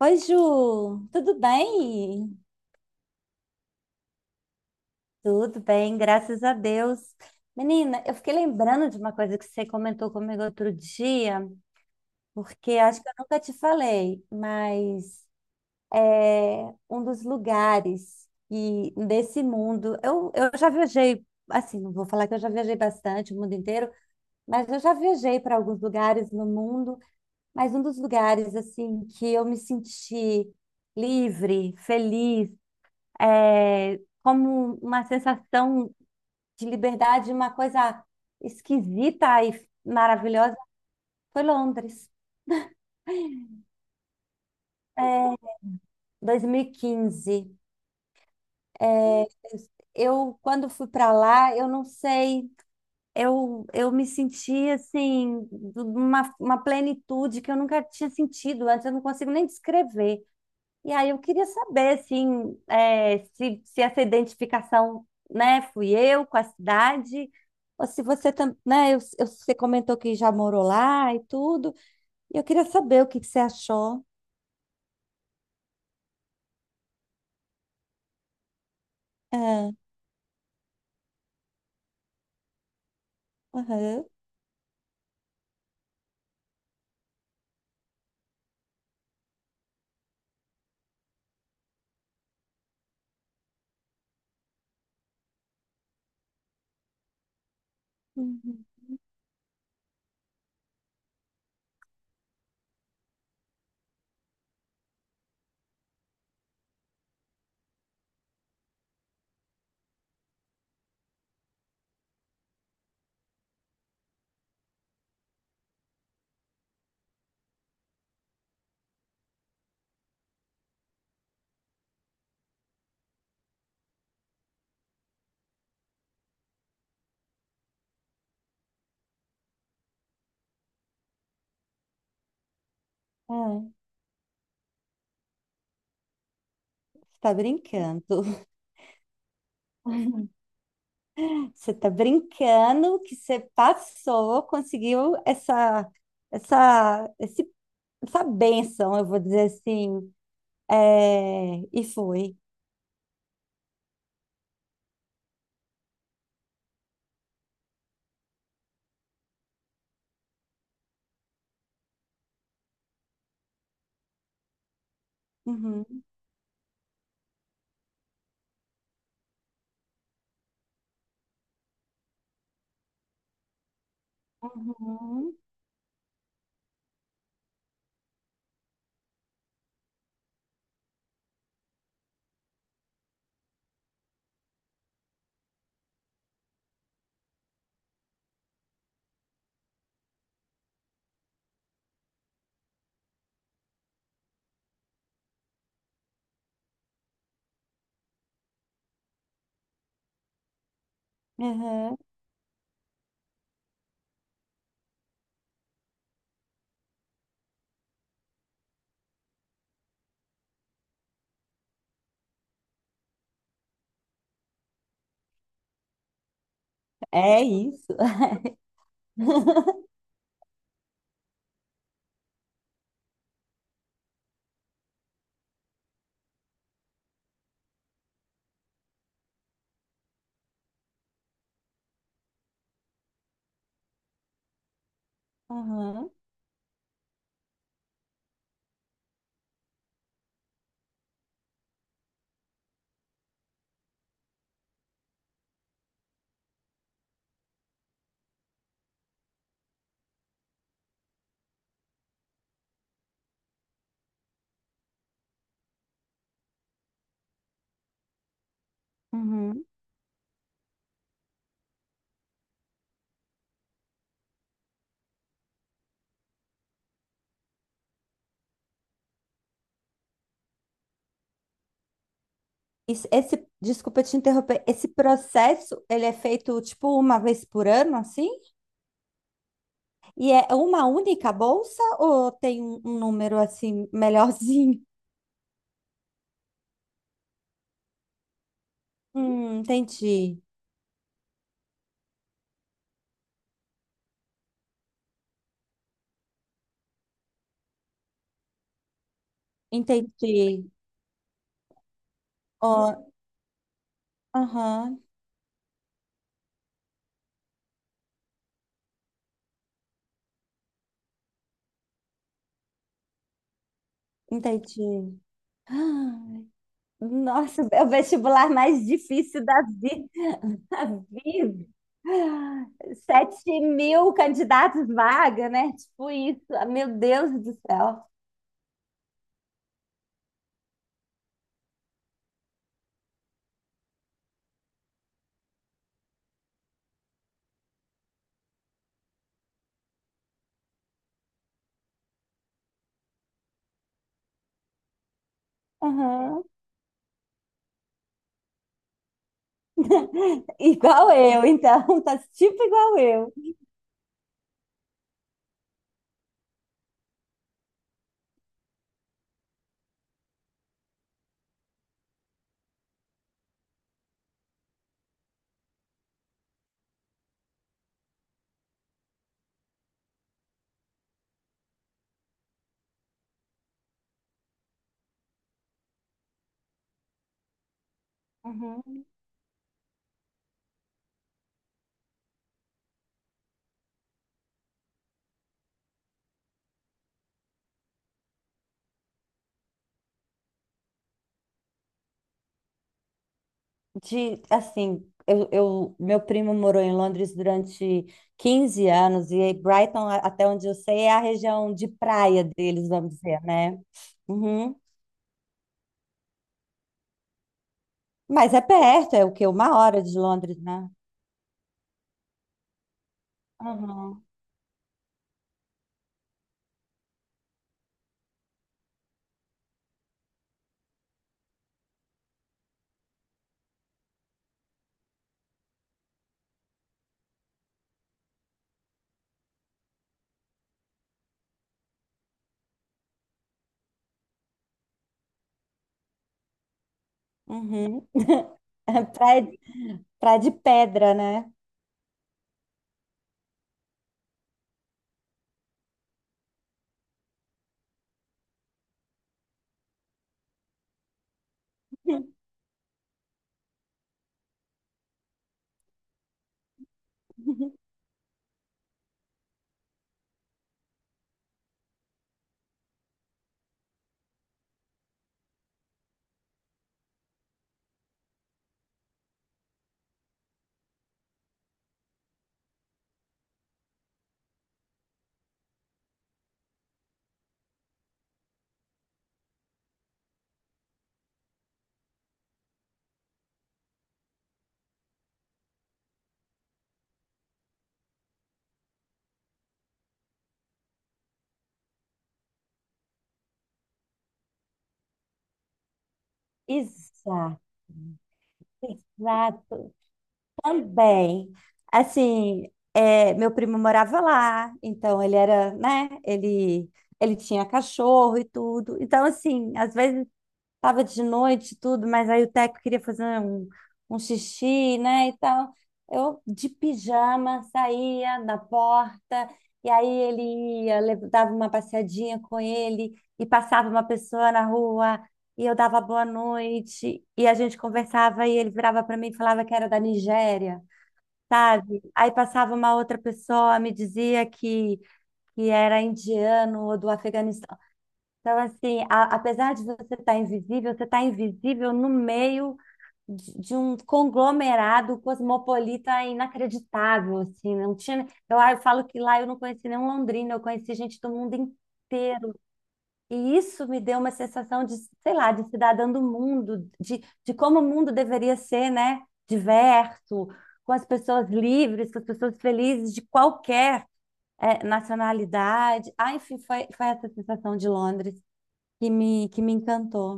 Oi, Ju, tudo bem? Tudo bem, graças a Deus. Menina, eu fiquei lembrando de uma coisa que você comentou comigo outro dia, porque acho que eu nunca te falei, mas é um dos lugares e desse mundo. Eu já viajei, assim, não vou falar que eu já viajei bastante o mundo inteiro, mas eu já viajei para alguns lugares no mundo, mas um dos lugares, assim, que eu me senti livre, feliz, é, como uma sensação de liberdade, uma coisa esquisita e maravilhosa, foi Londres, é, 2015. É, quando fui para lá, eu não sei, eu me senti assim, de uma plenitude que eu nunca tinha sentido antes, eu não consigo nem descrever. E aí eu queria saber, assim, se essa identificação, né, fui eu com a cidade, ou se você também, né, você comentou que já morou lá e tudo, e eu queria saber o que que você achou. É. Aham. Uhum. É, você tá brincando. Você tá brincando que você passou, conseguiu essa, esse, essa bênção, eu vou dizer assim, e foi. Uhum, uhum. Uhum. É isso. Uhum. Uhum. Esse, desculpa te interromper, esse processo, ele é feito tipo uma vez por ano, assim? E é uma única bolsa ou tem um número assim melhorzinho? Entendi. Entendi. Ó, aham, entendi. Ah, nossa, é o vestibular mais difícil da vida. 7 mil candidatos vaga, né? Tipo isso. Ah, meu Deus do céu. Aham. Igual eu, então, tá tipo igual eu. Uhum. Assim, meu primo morou em Londres durante 15 anos e Brighton, até onde eu sei, é a região de praia deles, vamos dizer, né? Uhum. Mas é perto, é o quê? 1 hora de Londres, né? Uhum. Uhum. É praia, praia de pedra, né? Exato, exato. Também. Assim, meu primo morava lá, então ele era, né? Ele tinha cachorro e tudo. Então, assim, às vezes tava de noite, e tudo, mas aí o Teco queria fazer um xixi, né, e tal. Eu, de pijama, saía da porta, e aí ele ia, dava uma passeadinha com ele, e passava uma pessoa na rua, e eu dava boa noite, e a gente conversava, e ele virava para mim e falava que era da Nigéria, sabe? Aí passava uma outra pessoa, me dizia que era indiano ou do Afeganistão. Então, assim, apesar de você estar invisível, você está invisível no meio de um conglomerado cosmopolita inacreditável, assim, né? não tinha... Eu falo que lá eu não conheci nenhum londrino, eu conheci gente do mundo inteiro. E isso me deu uma sensação de, sei lá, de cidadã do mundo, de como o mundo deveria ser, né? Diverso, com as pessoas livres, com as pessoas felizes, de qualquer nacionalidade. Ah, enfim, foi essa sensação de Londres que me encantou.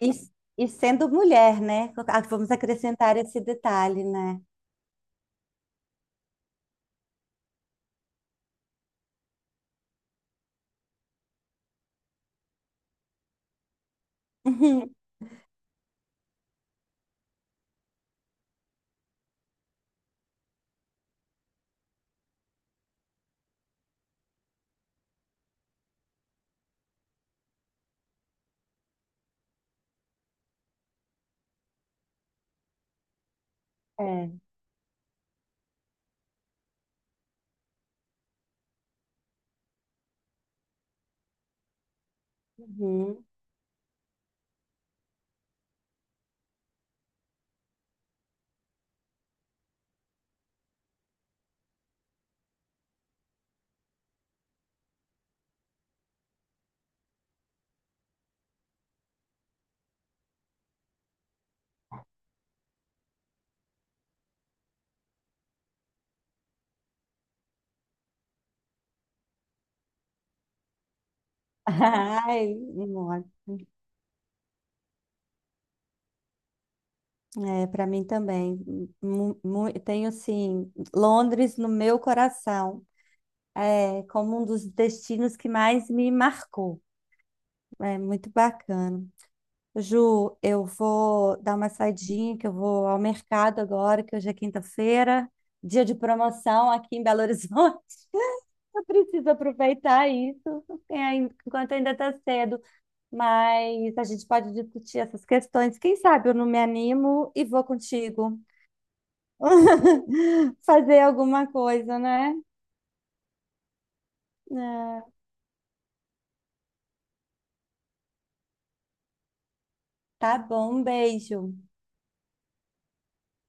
E, e sendo mulher, né? Ah, vamos acrescentar esse detalhe, né? É. Uhum. Ai, nossa. É, para mim também. Tenho, assim, Londres no meu coração. É como um dos destinos que mais me marcou. É muito bacana. Ju, eu vou dar uma saidinha, que eu vou ao mercado agora, que hoje é quinta-feira, dia de promoção aqui em Belo Horizonte. Eu preciso aproveitar isso enquanto ainda está cedo, mas a gente pode discutir essas questões. Quem sabe eu não me animo e vou contigo fazer alguma coisa, né? É, tá bom, um beijo.